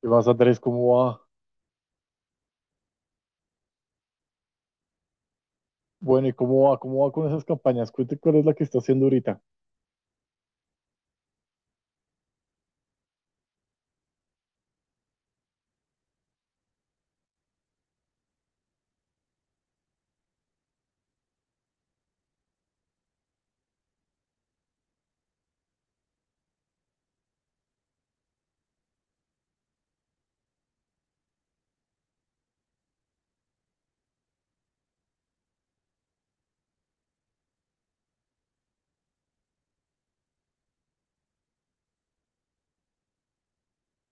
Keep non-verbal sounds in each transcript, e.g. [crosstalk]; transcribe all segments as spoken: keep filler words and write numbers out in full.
¿Qué más, Andrés? ¿Cómo va? Bueno, ¿y cómo va? ¿Cómo va con esas campañas? Cuente cuál es la que está haciendo ahorita.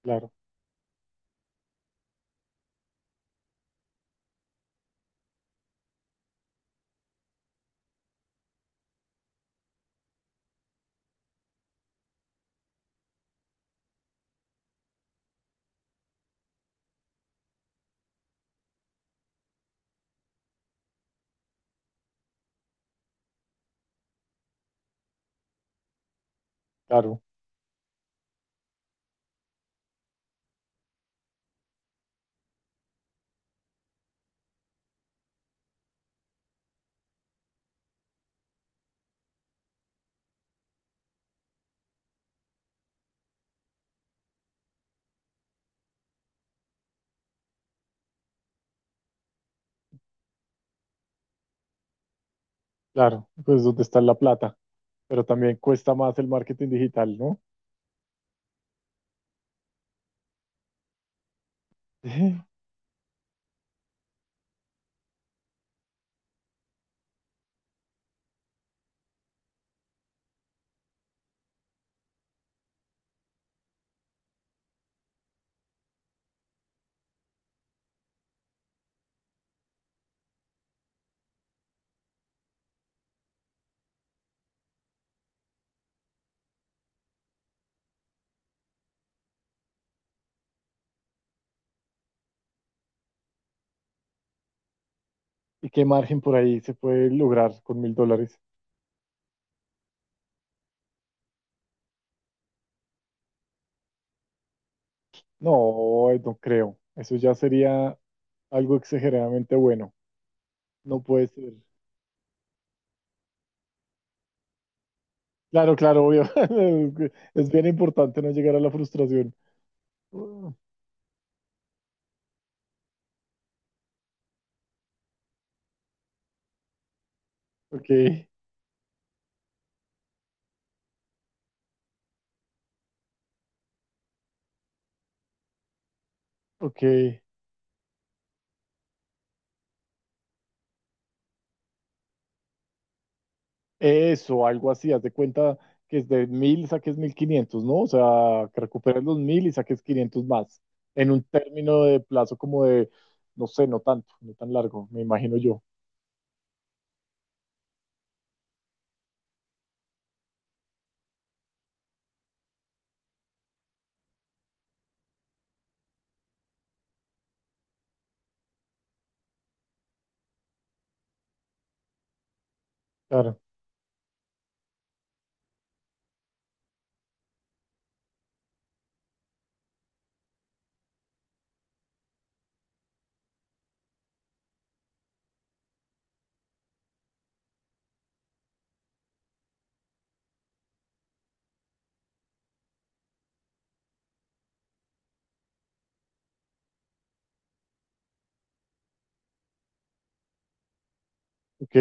Claro, claro, claro. Pues donde está la plata. Pero también cuesta más el marketing digital, ¿no? [laughs] ¿Y qué margen por ahí se puede lograr con mil dólares? No, eh, no creo. Eso ya sería algo exageradamente bueno. No puede ser. Claro, claro, obvio. [laughs] Es bien importante no llegar a la frustración. Ok, ok. Eso, algo así, haz de cuenta que es de mil saques mil quinientos, ¿no? O sea, que recuperes los mil y saques quinientos más, en un término de plazo como de, no sé, no tanto, no tan largo, me imagino yo. Claro, ok,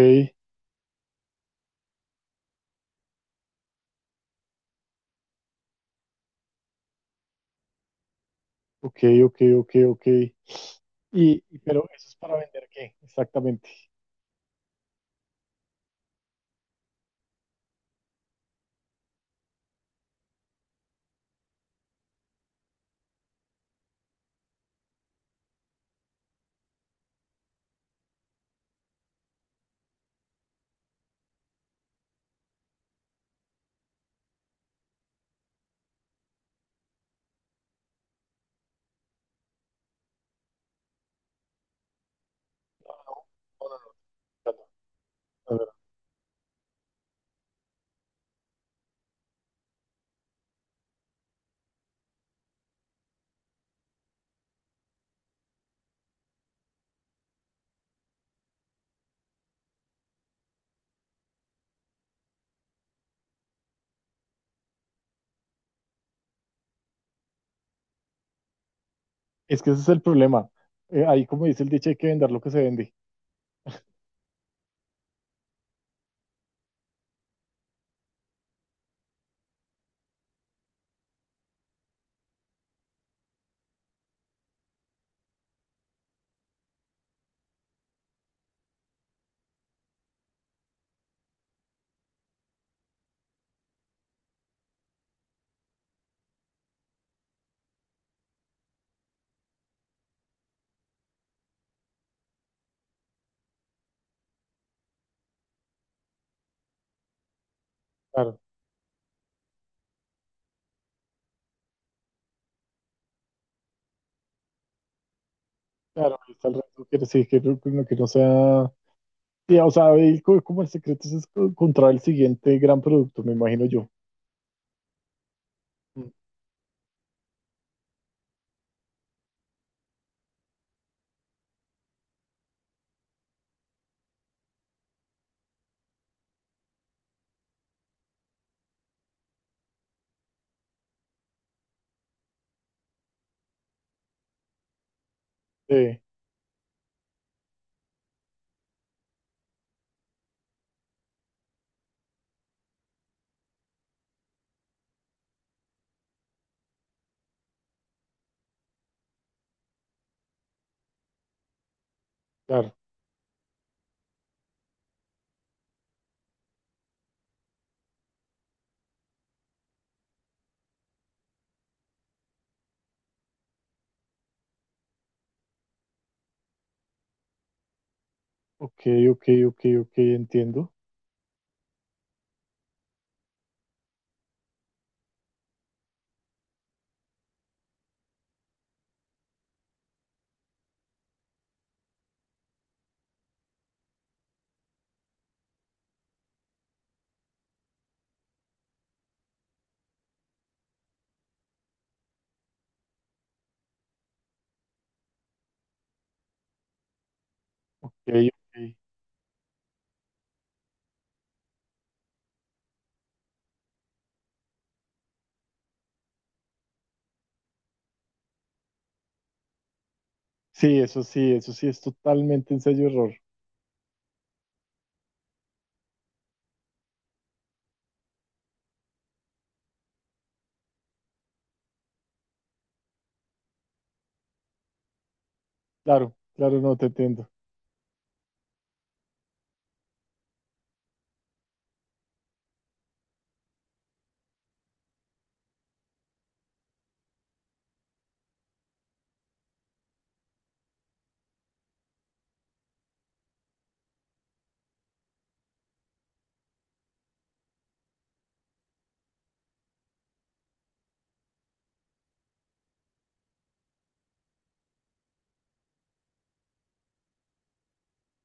ok, ok, ok, ok. Y, y- pero eso es para vender qué, exactamente. No, no, no, no, no, no, no, no. Es que ese es el problema. Eh, ahí, como dice el dicho, hay que vender lo que se vende. Claro, claro, ahí está el reto, que sí, que no, que no sea. Sí, o sea, ahí co- como el secreto es co- encontrar el siguiente gran producto, me imagino yo. Mm. Sí, claro. Ok, ok, ok, ok, entiendo. Ok, ok. Sí, eso sí, eso sí es totalmente ensayo error. Claro, claro, no te entiendo.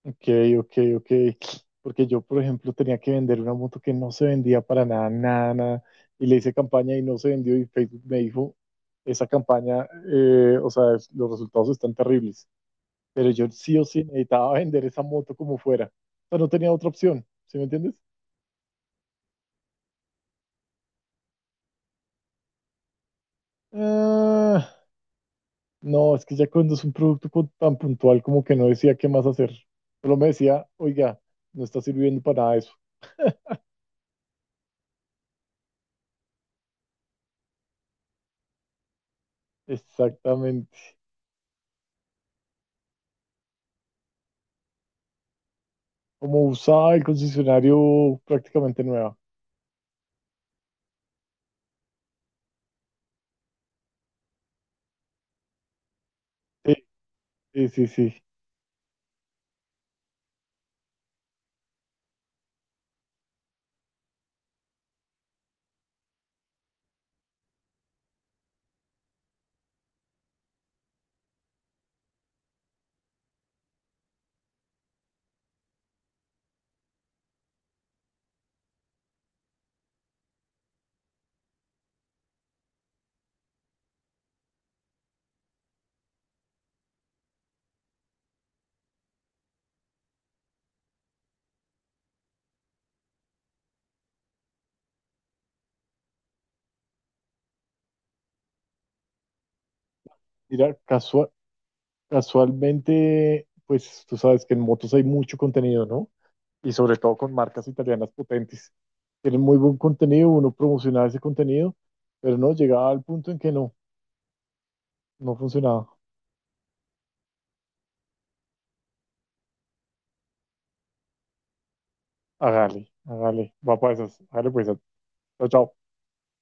Ok, ok, ok. Porque yo, por ejemplo, tenía que vender una moto que no se vendía para nada, nada, nada. Y le hice campaña y no se vendió y Facebook me dijo, esa campaña, eh, o sea, es- los resultados están terribles. Pero yo sí o sí necesitaba vender esa moto como fuera. O sea, no tenía otra opción, ¿sí me entiendes? Ah, no, es que ya cuando es un producto co- tan puntual, como que no decía qué más hacer. Solo me decía, oiga, no está sirviendo para nada eso. Exactamente. Como usaba el concesionario, prácticamente nueva. Sí, sí, sí, sí. Mira, casual casualmente, pues tú sabes que en motos hay mucho contenido, ¿no? Y sobre todo con marcas italianas potentes. Tienen muy buen contenido, uno promocionaba ese contenido, pero no, llegaba al punto en que no, no funcionaba. Hágale, hágale, va para esas, hágale pues, chao, chao.